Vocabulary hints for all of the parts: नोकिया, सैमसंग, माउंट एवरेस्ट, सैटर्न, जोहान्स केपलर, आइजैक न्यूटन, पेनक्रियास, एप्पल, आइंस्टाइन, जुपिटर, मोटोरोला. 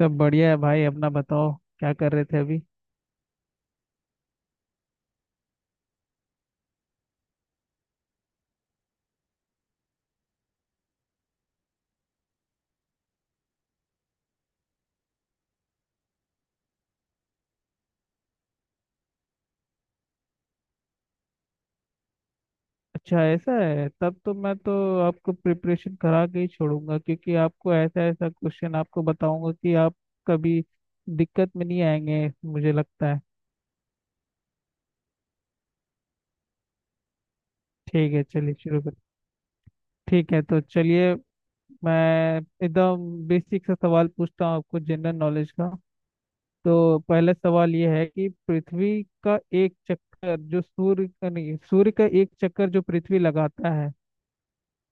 सब बढ़िया है भाई। अपना बताओ क्या कर रहे थे अभी। अच्छा ऐसा है, तब तो मैं तो आपको प्रिपरेशन करा के ही छोड़ूंगा, क्योंकि आपको ऐसा ऐसा क्वेश्चन आपको बताऊंगा कि आप कभी दिक्कत में नहीं आएंगे, मुझे लगता है। ठीक है चलिए शुरू कर। ठीक है तो चलिए, मैं एकदम बेसिक सा सवाल पूछता हूँ आपको जनरल नॉलेज का। तो पहला सवाल ये है कि पृथ्वी का एक चक्कर जो सूर्य का, नहीं, सूर्य का एक चक्कर जो पृथ्वी लगाता है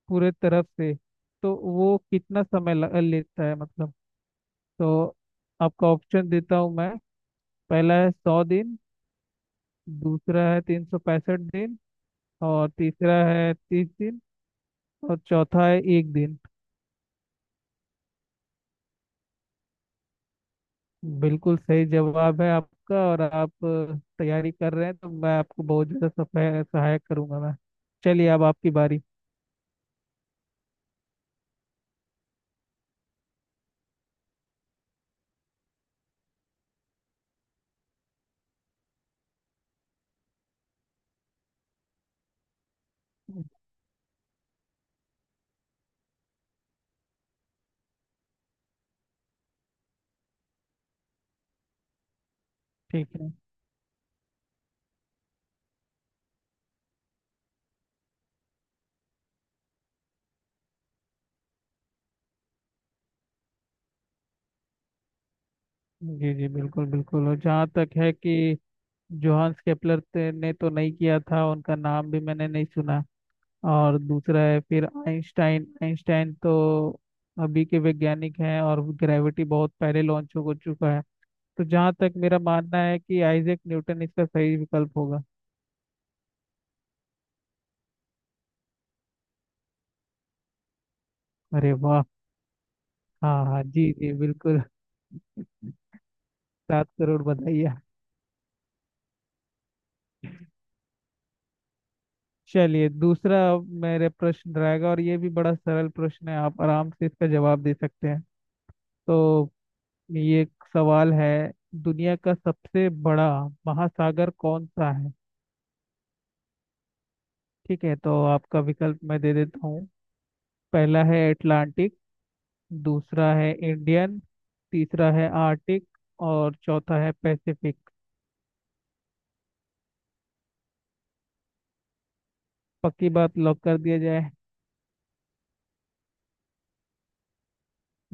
पूरे तरफ से, तो वो कितना समय लेता है मतलब। तो आपका ऑप्शन देता हूँ मैं। पहला है 100 दिन। दूसरा है 365 दिन। और तीसरा है 30 दिन। और चौथा है एक दिन। बिल्कुल सही जवाब है आपका। और आप तैयारी कर रहे हैं, तो मैं आपको बहुत ज़्यादा सहायक करूंगा मैं। चलिए अब आपकी बारी। ठीक है। जी जी बिल्कुल बिल्कुल। और जहाँ तक है कि जोहान्स केपलर ने तो नहीं किया था, उनका नाम भी मैंने नहीं सुना। और दूसरा है फिर आइंस्टाइन। आइंस्टाइन तो अभी के वैज्ञानिक हैं, और ग्रेविटी बहुत पहले लॉन्च हो चुका है। तो जहाँ तक मेरा मानना है कि आइजैक न्यूटन इसका सही विकल्प होगा। अरे वाह! हाँ हाँ जी जी बिल्कुल। 7 करोड़? बताइए। चलिए, दूसरा मेरे प्रश्न रहेगा, और ये भी बड़ा सरल प्रश्न है, आप आराम से इसका जवाब दे सकते हैं। तो ये एक सवाल है। दुनिया का सबसे बड़ा महासागर कौन सा है? ठीक है, तो आपका विकल्प मैं दे देता हूँ। पहला है अटलांटिक। दूसरा है इंडियन। तीसरा है आर्टिक। और चौथा है पैसिफिक। पक्की बात, लॉक कर दिया जाए?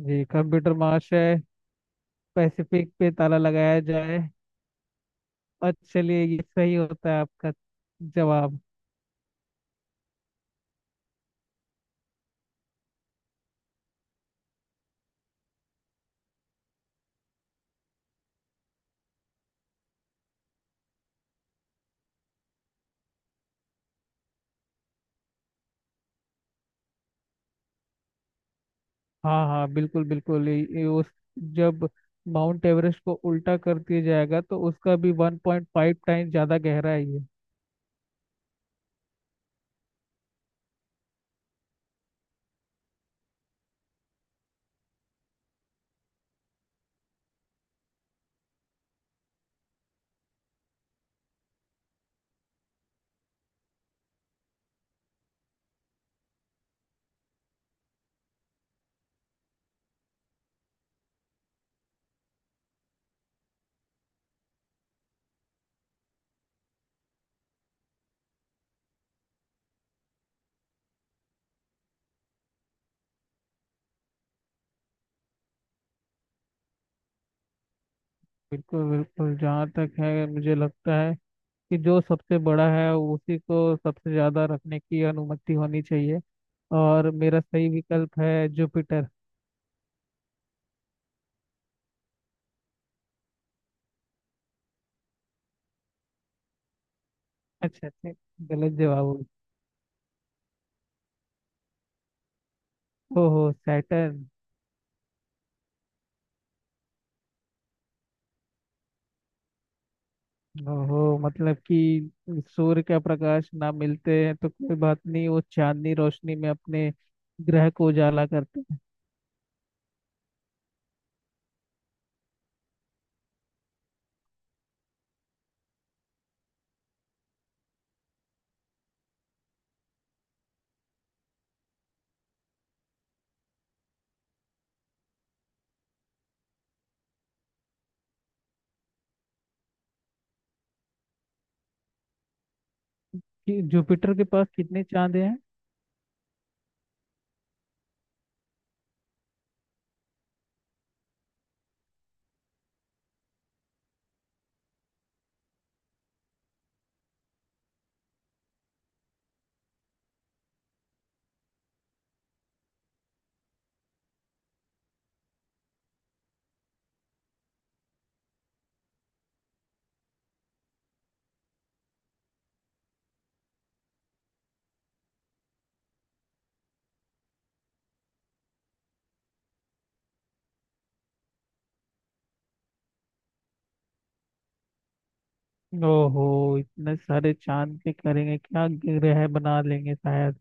जी कंप्यूटर महाश है, पैसिफिक पे ताला लगाया जाए। और चलिए, ये सही होता है आपका जवाब। हाँ हाँ बिल्कुल बिल्कुल। ये उस, जब माउंट एवरेस्ट को उल्टा कर दिया जाएगा तो उसका भी 1.5 टाइम ज़्यादा गहरा है ये। बिल्कुल बिल्कुल, जहाँ तक है मुझे लगता है कि जो सबसे बड़ा है उसी को सबसे ज्यादा रखने की अनुमति होनी चाहिए। और मेरा सही विकल्प है जुपिटर। अच्छा अच्छा। गलत जवाब हो गया। ओहो, सैटर्न। ओहो, मतलब कि सूर्य का प्रकाश ना मिलते हैं तो कोई बात नहीं, वो चांदनी रोशनी में अपने ग्रह को उजाला करते हैं। कि जुपिटर के पास कितने चांद हैं? ओहो, इतने सारे चांद पे करेंगे क्या, ग्रह बना लेंगे शायद।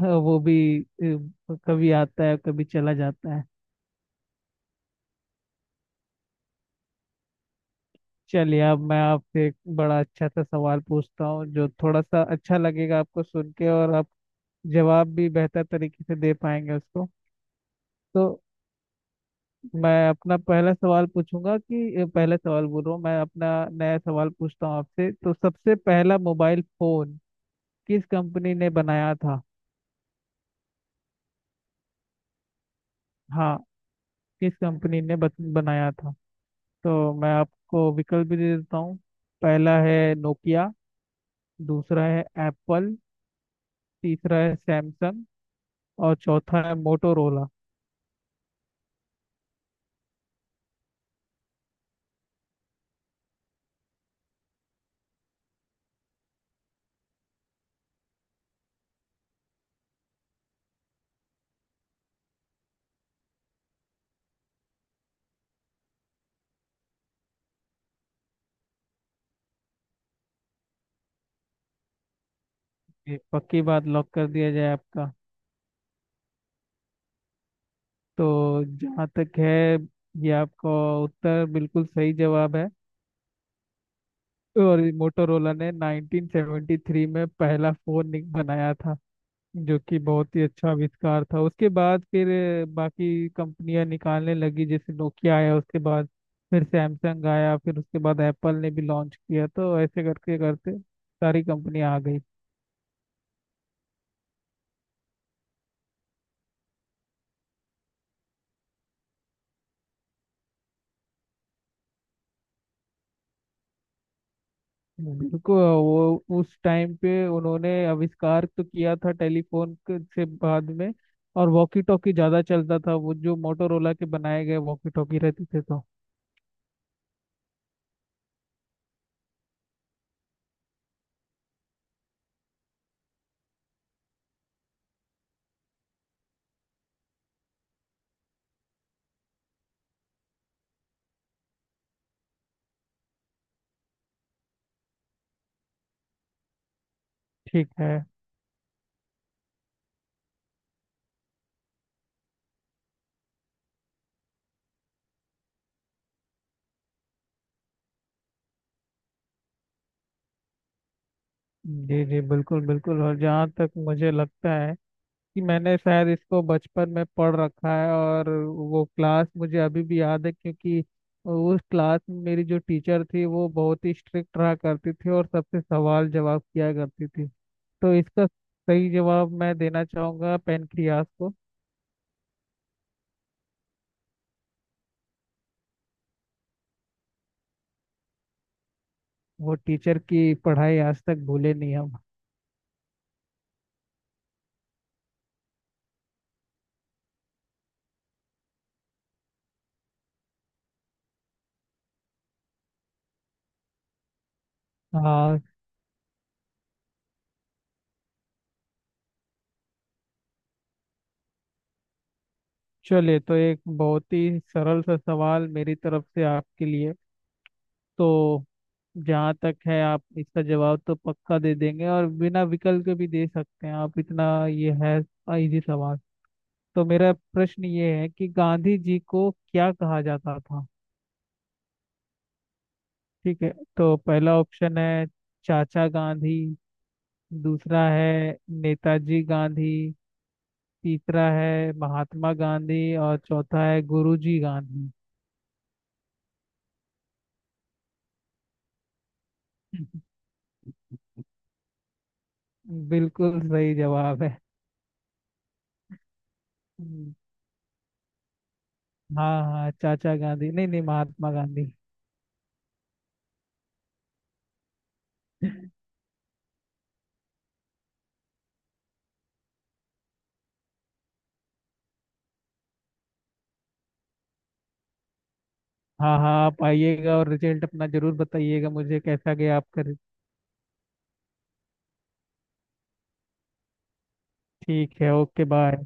हाँ, वो भी कभी आता है कभी चला जाता है। चलिए, अब मैं आपसे एक बड़ा अच्छा सा सवाल पूछता हूँ, जो थोड़ा सा अच्छा लगेगा आपको सुन के, और आप जवाब भी बेहतर तरीके से दे पाएंगे उसको। तो मैं अपना पहला सवाल पूछूंगा, कि पहला सवाल बोल रहा हूँ, मैं अपना नया सवाल पूछता हूँ आपसे। तो सबसे पहला मोबाइल फोन किस कंपनी ने बनाया था? हाँ, किस कंपनी ने बनाया था? तो मैं आपको विकल्प भी दे देता हूँ। पहला है नोकिया। दूसरा है एप्पल। तीसरा है सैमसंग। और चौथा है मोटोरोला। ये पक्की बात, लॉक कर दिया जाए आपका? तो जहाँ तक है, ये आपका उत्तर बिल्कुल सही जवाब है। और मोटोरोला ने 1973 में पहला फोन बनाया था, जो कि बहुत ही अच्छा आविष्कार था। उसके बाद फिर बाकी कंपनियां निकालने लगी। जैसे नोकिया आया उसके बाद, फिर सैमसंग आया, फिर उसके बाद एप्पल ने भी लॉन्च किया, तो ऐसे करके करते सारी कंपनियां आ गई। बिल्कुल, वो उस टाइम पे उन्होंने आविष्कार तो किया था टेलीफोन से, बाद में। और वॉकी टॉकी ज्यादा चलता था, वो जो मोटोरोला के बनाए गए वॉकी टॉकी रहते थे तो। ठीक है। जी जी बिल्कुल बिल्कुल। और जहाँ तक मुझे लगता है कि मैंने शायद इसको बचपन में पढ़ रखा है, और वो क्लास मुझे अभी भी याद है, क्योंकि उस क्लास में मेरी जो टीचर थी वो बहुत ही स्ट्रिक्ट रहा करती थी, और सबसे सवाल जवाब किया करती थी। तो इसका सही जवाब मैं देना चाहूंगा पेनक्रियास को। वो टीचर की पढ़ाई आज तक भूले नहीं हम। हाँ। चलिए तो एक बहुत ही सरल सा सवाल मेरी तरफ से आपके लिए। तो जहाँ तक है आप इसका जवाब तो पक्का दे देंगे, और बिना विकल्प के भी दे सकते हैं आप, इतना ये है इजी सवाल। तो मेरा प्रश्न ये है कि गांधी जी को क्या कहा जाता था? ठीक है। तो पहला ऑप्शन है चाचा गांधी। दूसरा है नेताजी गांधी। तीसरा है महात्मा गांधी। और चौथा है गुरुजी गांधी। बिल्कुल सही जवाब है। हम्म, हाँ हाँ। चाचा गांधी नहीं नहीं, महात्मा गांधी। हाँ हाँ आप आइएगा, और रिजल्ट अपना जरूर बताइएगा मुझे कैसा गया आपका। ठीक है, ओके बाय।